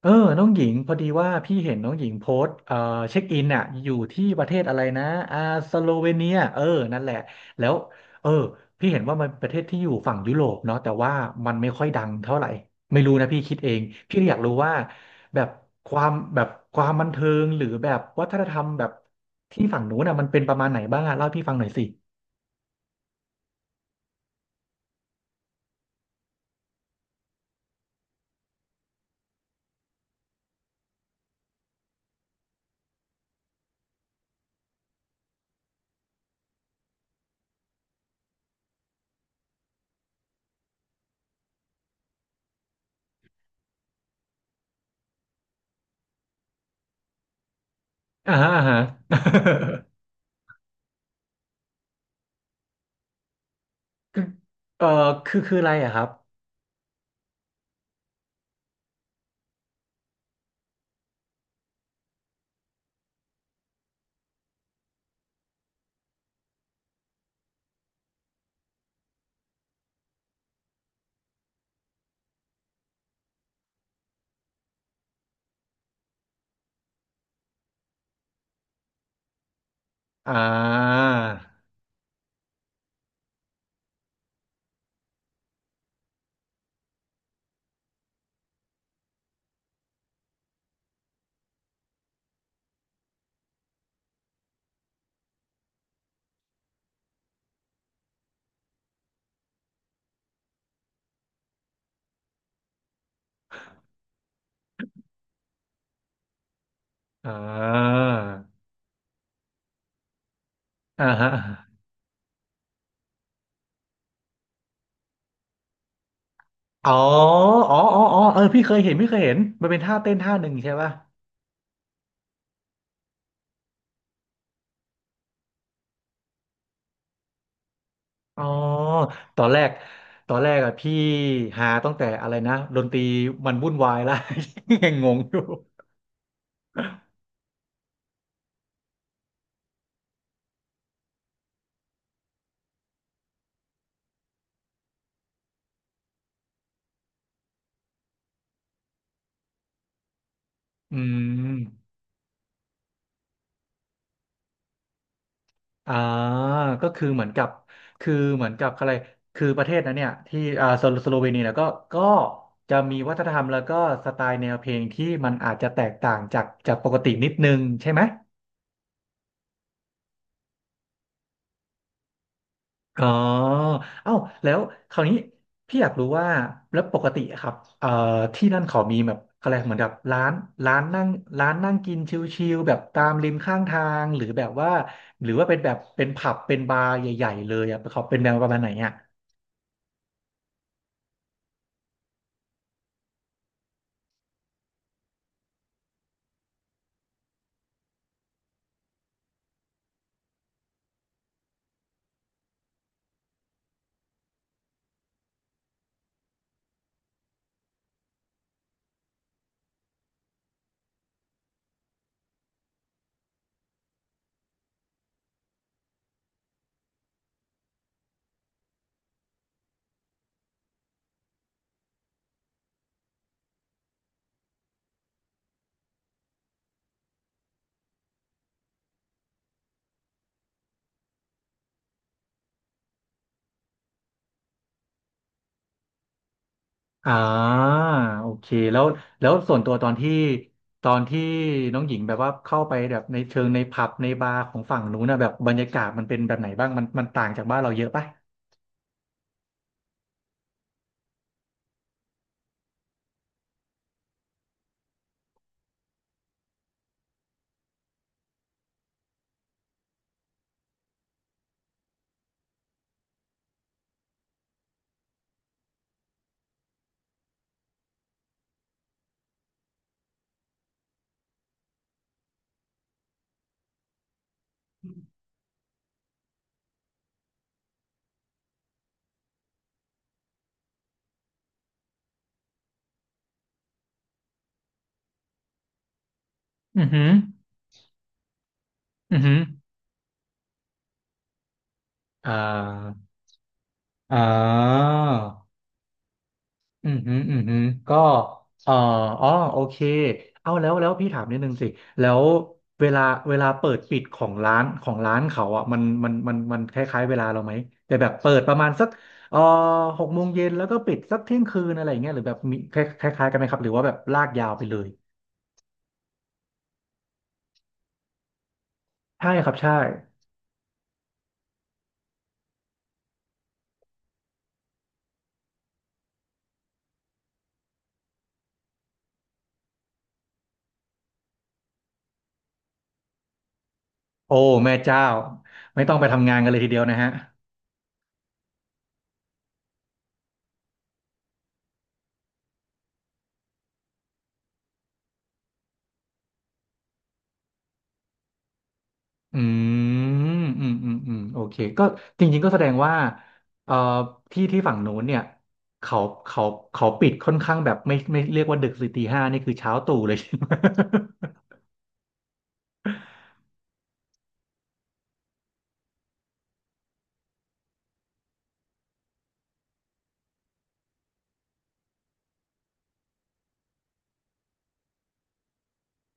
เออน้องหญิงพอดีว่าพี่เห็นน้องหญิงโพสต์เช็คอินน่ะอยู่ที่ประเทศอะไรนะอ่าสโลเวเนียนั่นแหละแล้วเออพี่เห็นว่ามันประเทศที่อยู่ฝั่งยุโรปเนาะแต่ว่ามันไม่ค่อยดังเท่าไหร่ไม่รู้นะพี่คิดเองพี่เลยอยากรู้ว่าแบบแบบความบันเทิงหรือแบบวัฒนธรรมแบบที่ฝั่งนู้นน่ะมันเป็นประมาณไหนบ้างอะเล่าให้พี่ฟังหน่อยสิอ่าฮะอ่าฮะ คือเออคืออะไรอะครับอ่าอ่า อ่าฮะอ๋ออ๋อพี่เคยเห็น มันเป็นท่าเต้นท่าหนึ่งใช่ป่ะอ๋อตอนแรกตอนแรกอะพี่หาตั้งแต่อะไรนะดนตรีมันวุ่นวายและ ยังงงอยู่อืมอ่าก็คือเหมือนกับ คือเหมือนกับอะไรคือประเทศนั้นเนี่ยที่อ่าสโลเวเนียเนี่ยก็จะมีวัฒนธรรมแล้วก็สไตล์แนวเพลงที่มันอาจจะแตกต่างจากปกตินิดนึงใช่ไหม อ๋อเอ้าแล้วคราวนี้พี่อยากรู้ว่าแล้วปกติอะครับเอ่อที่นั่นเขามีแบบอะไรเหมือนกับร้านร้านนั่งร้านนั่งกินชิลๆแบบตามริมข้างทางหรือแบบว่าหรือว่าเป็นแบบเป็นผับเป็นบาร์ใหญ่ๆเลยอะเขาเป็นแนวประมาณไหนอ่ะอ่าโอเคแล้วแล้วส่วนตัวตอนที่น้องหญิงแบบว่าเข้าไปแบบในเชิงในผับในบาร์ของฝั่งนู้นนะแบบบรรยากาศมันเป็นแบบไหนบ้างมันต่างจากบ้านเราเยอะปะอือหืออือหือ อ่าอ่าอืมฮึก็เอ่ออ๋อโอเคเอาแล้วแล้วพี่ถามนิดนึงสิแล้วเวลาเวลาเปิดปิดของร้านเขาอ่ะมันคล้ายๆเวลาเราไหมแต่แบบเปิดประมาณสักเอ่อหกโมงเย็นแล้วก็ปิดสักเที่ยงคืนอะไรอย่างเงี้ยหรือแบบมีคล้ายๆกันไหมครับหรือว่าแบบลากยาวไปเลยใช่ครับใช่โอ้แม่เจ้าไม่ต้องไปทำงานกันเลยทีเดียวนะฮะ อือืมโอเคก็จริงๆก็แสดงว่าเอ่อที่ที่ฝั่งโน้นเนี่ยเขาเขาเขาปิดค่อนข้างแบบไม่เรียกว่าดึกสิตีห้านี่คือเช้า ตรู่เลยใช่ไหม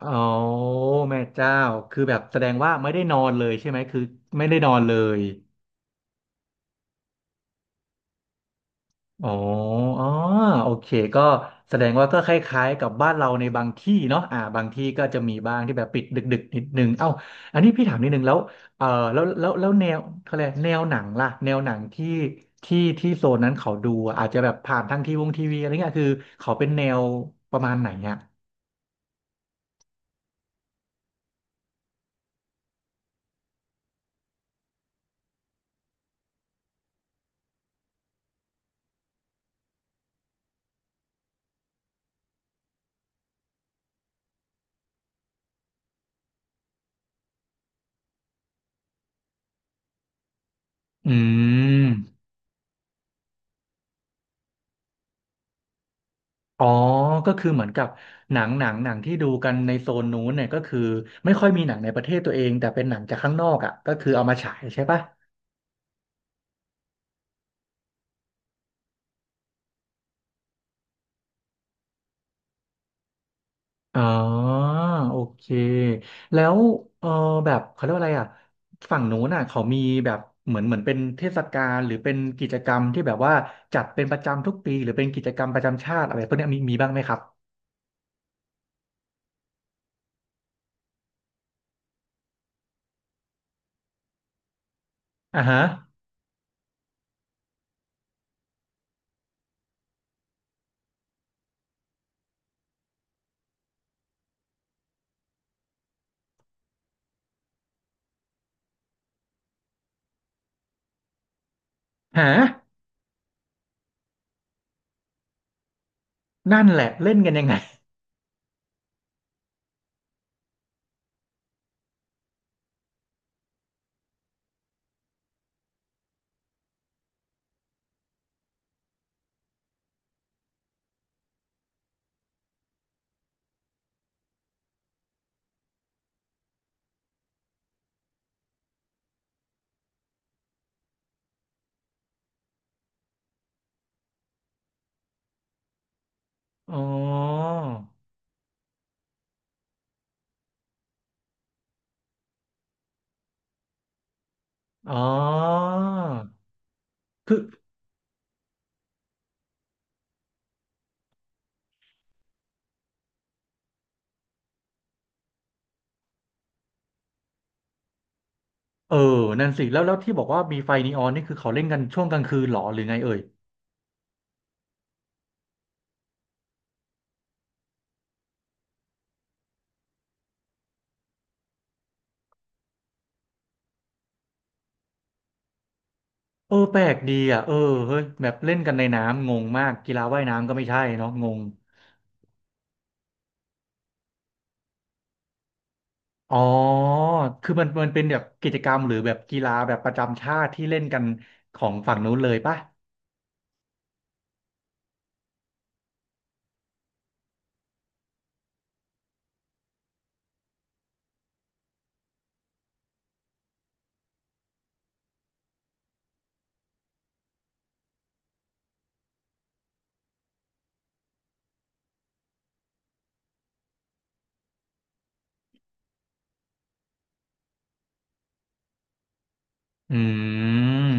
อ๋อแม่เจ้าคือแบบแสดงว่าไม่ได้นอนเลยใช่ไหม คือไม่ได้นอนเลย อ๋ออ๋อโอเค ก็แสดงว่าก็คล้ายๆกับบ้านเราในบางที่เนาะอ่าบางที่ก็จะมีบ้างที่แบบปิดดึกๆนิดนึงเอ้าอันนี้พี่ถามนิดนึงแล้วเออแล้วแนวเขาเรียกแนวหนังล่ะแนวหนังที่ที่โซนนั้นเขาดูอะอาจจะแบบผ่านทางทีวงทีวีอะไรเงี้ยคือเขาเป็นแนวประมาณไหนอ่ะอืมอ๋อก็คือเหมือนกับหนังที่ดูกันในโซนนู้นเนี่ยก็คือไม่ค่อยมีหนังในประเทศตัวเองแต่เป็นหนังจากข้างนอกอ่ะก็คือเอามาฉายใช่ปะ อ๋อโอเคแล้วเออแบบเขาเรียกว่าอะไรอ่ะฝั่งนู้นน่ะเขามีแบบเหมือนเป็นเทศกาลหรือเป็นกิจกรรมที่แบบว่าจัดเป็นประจำทุกปีหรือเป็นกิจกรรมประจำชาติอะไรพวกเนี้ยมีบ้างไหมครับอ่าฮะฮะนั่นแหละเล่นกันยังไง อ๋ออ๋อคือเออนั่นสิแล้วแล้วที่บอกว่ามีไฟนีออนนี่คือเขาเล่นกันช่วงกลางคืนเหรอหรือไงเอ่ย แปลกดีอ่ะเฮ้ยแบบเล่นกันในน้ำงงมากกีฬาว่ายน้ำก็ไม่ใช่เนาะงงอ๋อคือมันเป็นแบบกิจกรรมหรือแบบกีฬาแบบประจำชาติที่เล่นกันของฝั่งนู้นเลยป่ะอืม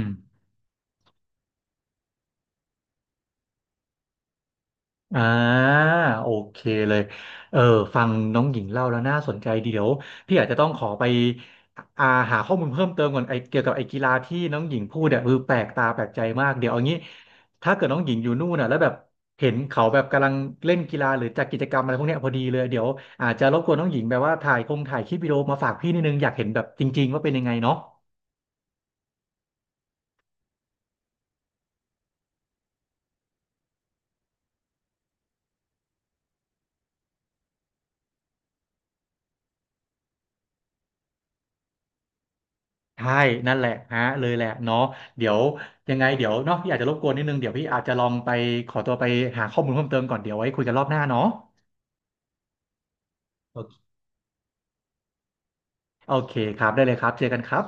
อ่าโอเคเลยเออฟังน้องหญิงเล่าแล้วน่าสนใจดีเดี๋ยวพี่อาจจะต้องขอไปอ่าหาข้อมูลเพิ่มเติมก่อนไอเกี่ยวกับไอกีฬาที่น้องหญิงพูดเนี่ยคือแปลกตาแปลกใจมากเดี๋ยวเอางี้ถ้าเกิดน้องหญิงอยู่นู่นน่ะแล้วแบบเห็นเขาแบบกำลังเล่นกีฬาหรือจัดกิจกรรมอะไรพวกเนี้ยพอดีเลยเดี๋ยวอาจจะรบกวนน้องหญิงแบบว่าถ่ายคลิปวิดีโอมาฝากพี่นิดนึงอยากเห็นแบบจริงๆว่าเป็นยังไงเนาะ ใช่นั่นแหละฮะเลยแหละเนาะเดี๋ยวยังไงเดี๋ยวเนาะพี่อาจจะรบกวนนิดนึงเดี๋ยวพี่อาจจะลองไปขอตัวไปหาข้อมูลเพิ่มเติมก่อนเดี๋ยวไว้คุยกันรอบหน้าเนาะโอเคโอเคครับได้เลยครับเจอกันครับ